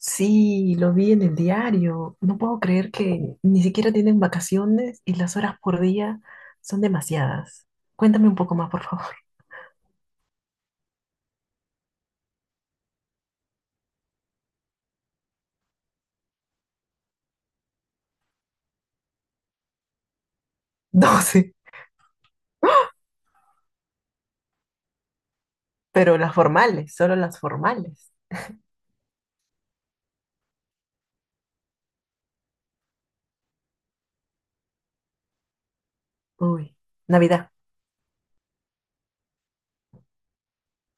Sí, lo vi en el diario. No puedo creer que ni siquiera tienen vacaciones y las horas por día son demasiadas. Cuéntame un poco más, por favor. 12, pero las formales, solo las formales. Uy, Navidad.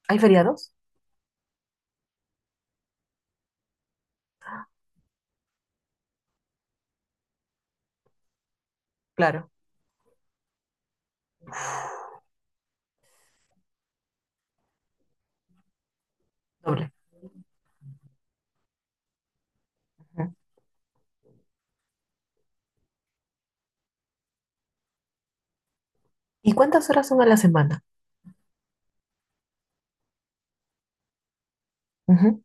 ¿Hay feriados? Claro, doble. Ujú. ¿Y cuántas horas son a la semana? Ujú.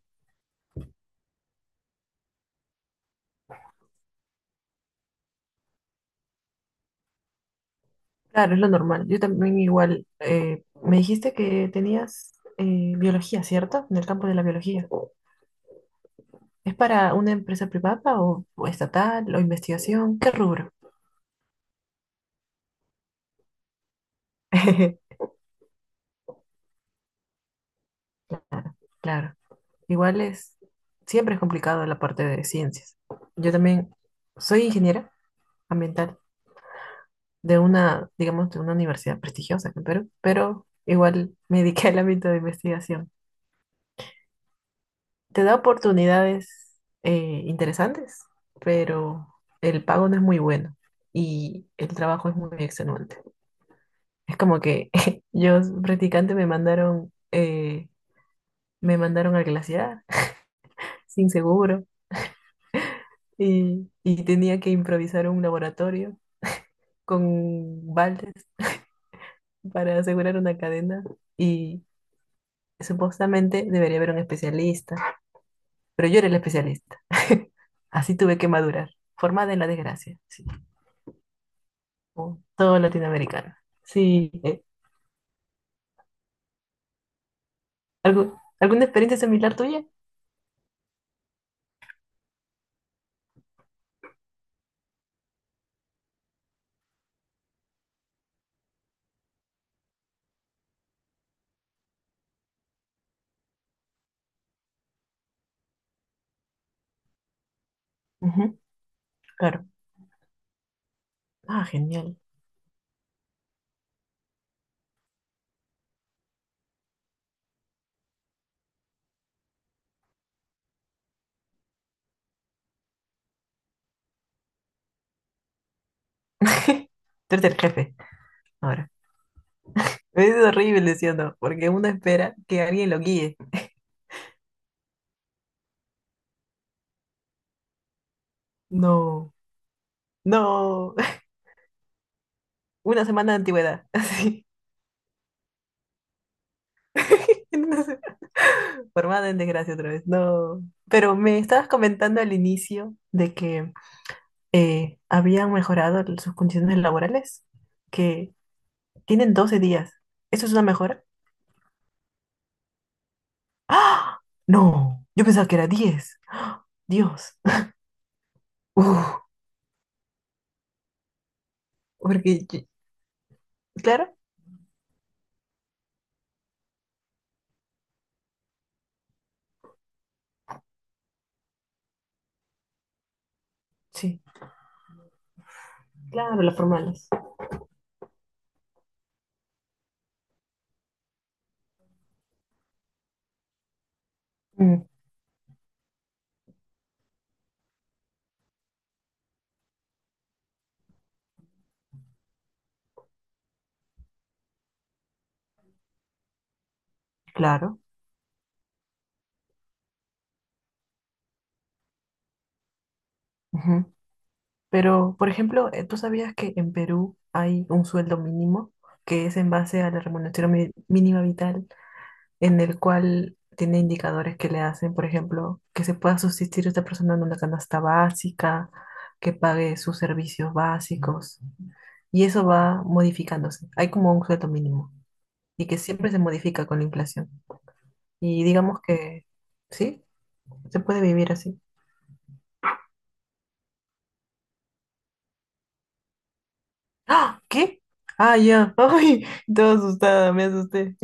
Claro, es lo normal. Yo también igual. Me dijiste que tenías biología, ¿cierto? En el campo de la biología. ¿Es para una empresa privada o estatal o investigación? ¿Qué rubro? Claro. Igual es, siempre es complicado la parte de ciencias. Yo también soy ingeniera ambiental de una, digamos, de una universidad prestigiosa aquí en Perú, pero igual me dediqué al ámbito de investigación. Te da oportunidades interesantes, pero el pago no es muy bueno y el trabajo es muy extenuante. Es como que yo, practicante, me mandaron al glaciar sin seguro y tenía que improvisar un laboratorio con baldes para asegurar una cadena y supuestamente debería haber un especialista, pero yo era el especialista. Así tuve que madurar, formada en la desgracia, sí, como todo latinoamericano. Sí, ¿alguna experiencia similar tuya? Ujú, claro. Ah, genial. Tú eres el jefe ahora. Es horrible, ¿sí o no? Porque uno espera que alguien lo guíe. No, no. Una semana de antigüedad, así. Una semana. Formada en desgracia otra vez. No. Pero me estabas comentando al inicio de que habían mejorado sus condiciones laborales, que tienen 12 días. ¿Eso es una mejora? ¡Ah! No, yo pensaba que era 10. Dios. Uf, porque, claro, sí, claro, las formales. Mm, claro. Ujú. Pero, por ejemplo, ¿tú sabías que en Perú hay un sueldo mínimo que es en base a la remuneración mínima vital, en el cual tiene indicadores que le hacen, por ejemplo, que se pueda subsistir esta persona en una canasta básica, que pague sus servicios básicos, y eso va modificándose? Hay como un sueldo mínimo y que siempre se modifica con la inflación. Y digamos que, ¿sí? Se puede vivir así. ¡Ah! ¿Qué? Ah, ya. Ay, toda asustada, me asusté.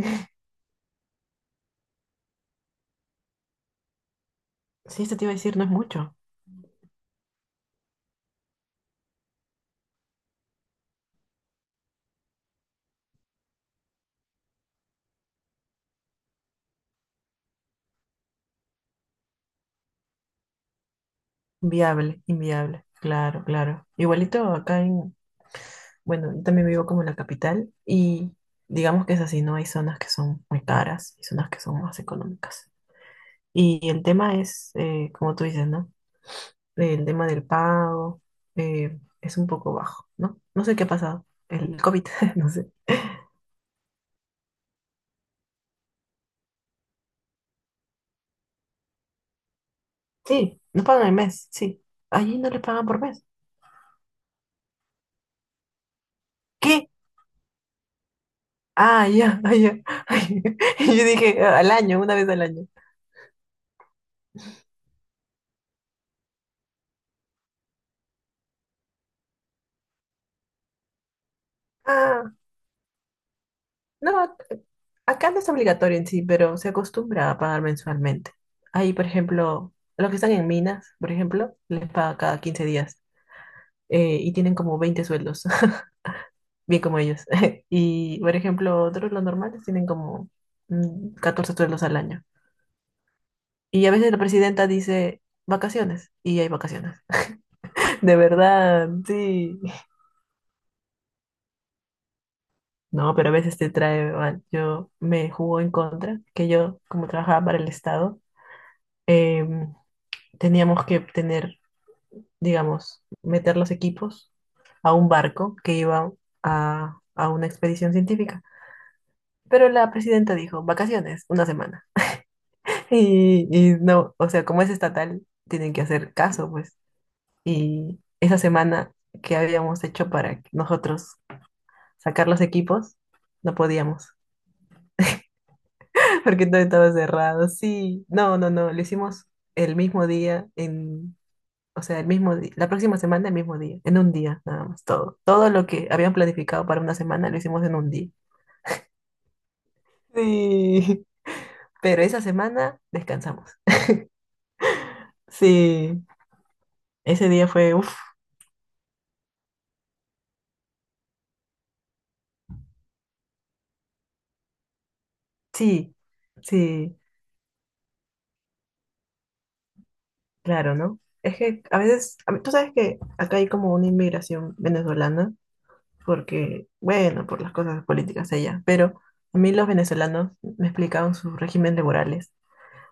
Sí, esto te iba a decir, no es mucho. Viable, inviable. Claro, claro. Igualito acá en, bueno, yo también vivo como en la capital y digamos que es así, ¿no? Hay zonas que son muy caras y zonas que son más económicas. Y el tema es, como tú dices, ¿no? El tema del pago es un poco bajo, ¿no? No sé qué ha pasado. El COVID, no sé. Sí, no pagan el mes, sí. Allí no les pagan por mes. ¿Qué? Ah, ya, ah, ya. Yo dije, al año, una vez al año. Ah, no, acá no es obligatorio en sí, pero se acostumbra a pagar mensualmente. Ahí, por ejemplo, los que están en minas, por ejemplo, les paga cada 15 días y tienen como 20 sueldos, bien como ellos. Y, por ejemplo, otros, los normales, tienen como 14 sueldos al año. Y a veces la presidenta dice vacaciones y hay vacaciones. De verdad, sí. No, pero a veces te trae mal. Yo me jugó en contra, que yo, como trabajaba para el Estado, em, teníamos que tener, digamos, meter los equipos a un barco que iba a una expedición científica. Pero la presidenta dijo, vacaciones, una semana. Y no, o sea, como es estatal, tienen que hacer caso, pues. Y esa semana que habíamos hecho para nosotros sacar los equipos, no podíamos, porque todo estaba cerrado. Sí, no, no, no, lo hicimos el mismo día en... O sea, el mismo día, la próxima semana, el mismo día, en un día, nada más, todo. Todo lo que habían planificado para una semana lo hicimos en un día. Sí, pero esa semana descansamos. Sí, ese día fue, uff, sí, sí, claro, ¿no? Es que a veces, tú sabes que acá hay como una inmigración venezolana, porque, bueno, por las cosas políticas allá, pero a mí los venezolanos me explicaban sus regímenes laborales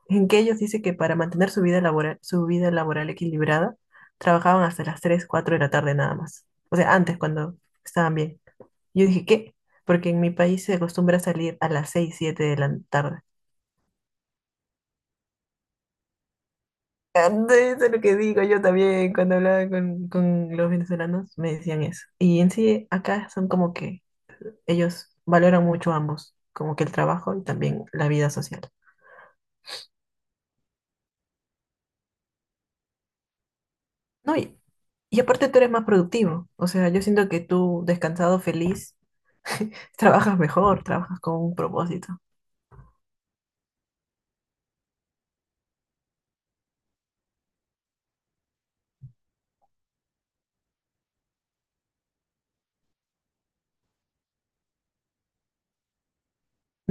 en que ellos dicen que para mantener su vida laboral equilibrada, trabajaban hasta las 3 4 de la tarde nada más. O sea, antes cuando estaban bien. Yo dije, ¿qué? Porque en mi país se acostumbra salir a las 6 7 de la tarde. Ande, eso es lo que digo yo también cuando hablaba con los venezolanos, me decían eso. Y en sí, acá son como que ellos valoran mucho ambos, como que el trabajo y también la vida social. No, y aparte tú eres más productivo, o sea, yo siento que tú descansado, feliz, trabajas mejor, trabajas con un propósito.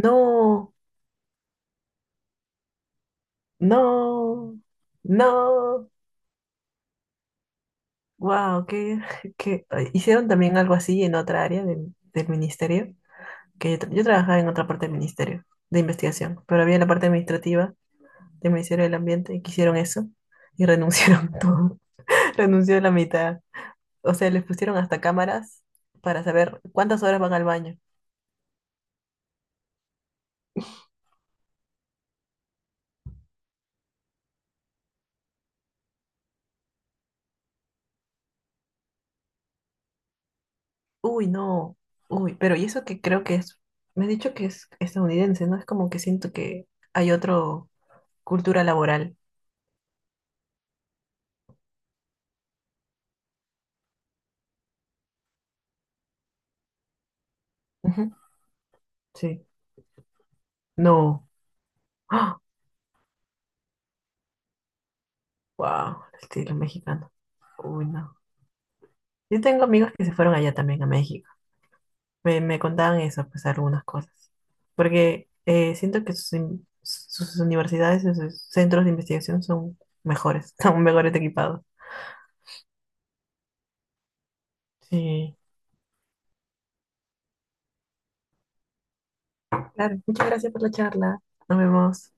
No, no, no. Wow, que hicieron también algo así en otra área del ministerio, que yo, yo trabajaba en otra parte del ministerio de investigación, pero había la parte administrativa del Ministerio del Ambiente y que hicieron eso y renunciaron todo, renunció la mitad. O sea, les pusieron hasta cámaras para saber cuántas horas van al baño. Uy, no. Uy, pero y eso que creo que es, me has dicho que es estadounidense, ¿no? Es como que siento que hay otro cultura laboral. Ujú, sí. No. Wow, el estilo mexicano. Uy, no. Yo tengo amigos que se fueron allá también a México. Me contaban eso, pues algunas cosas. Porque siento que sus, sus universidades, y sus centros de investigación son mejores, son mejores equipados. Sí. Claro, muchas gracias por la charla. Nos vemos.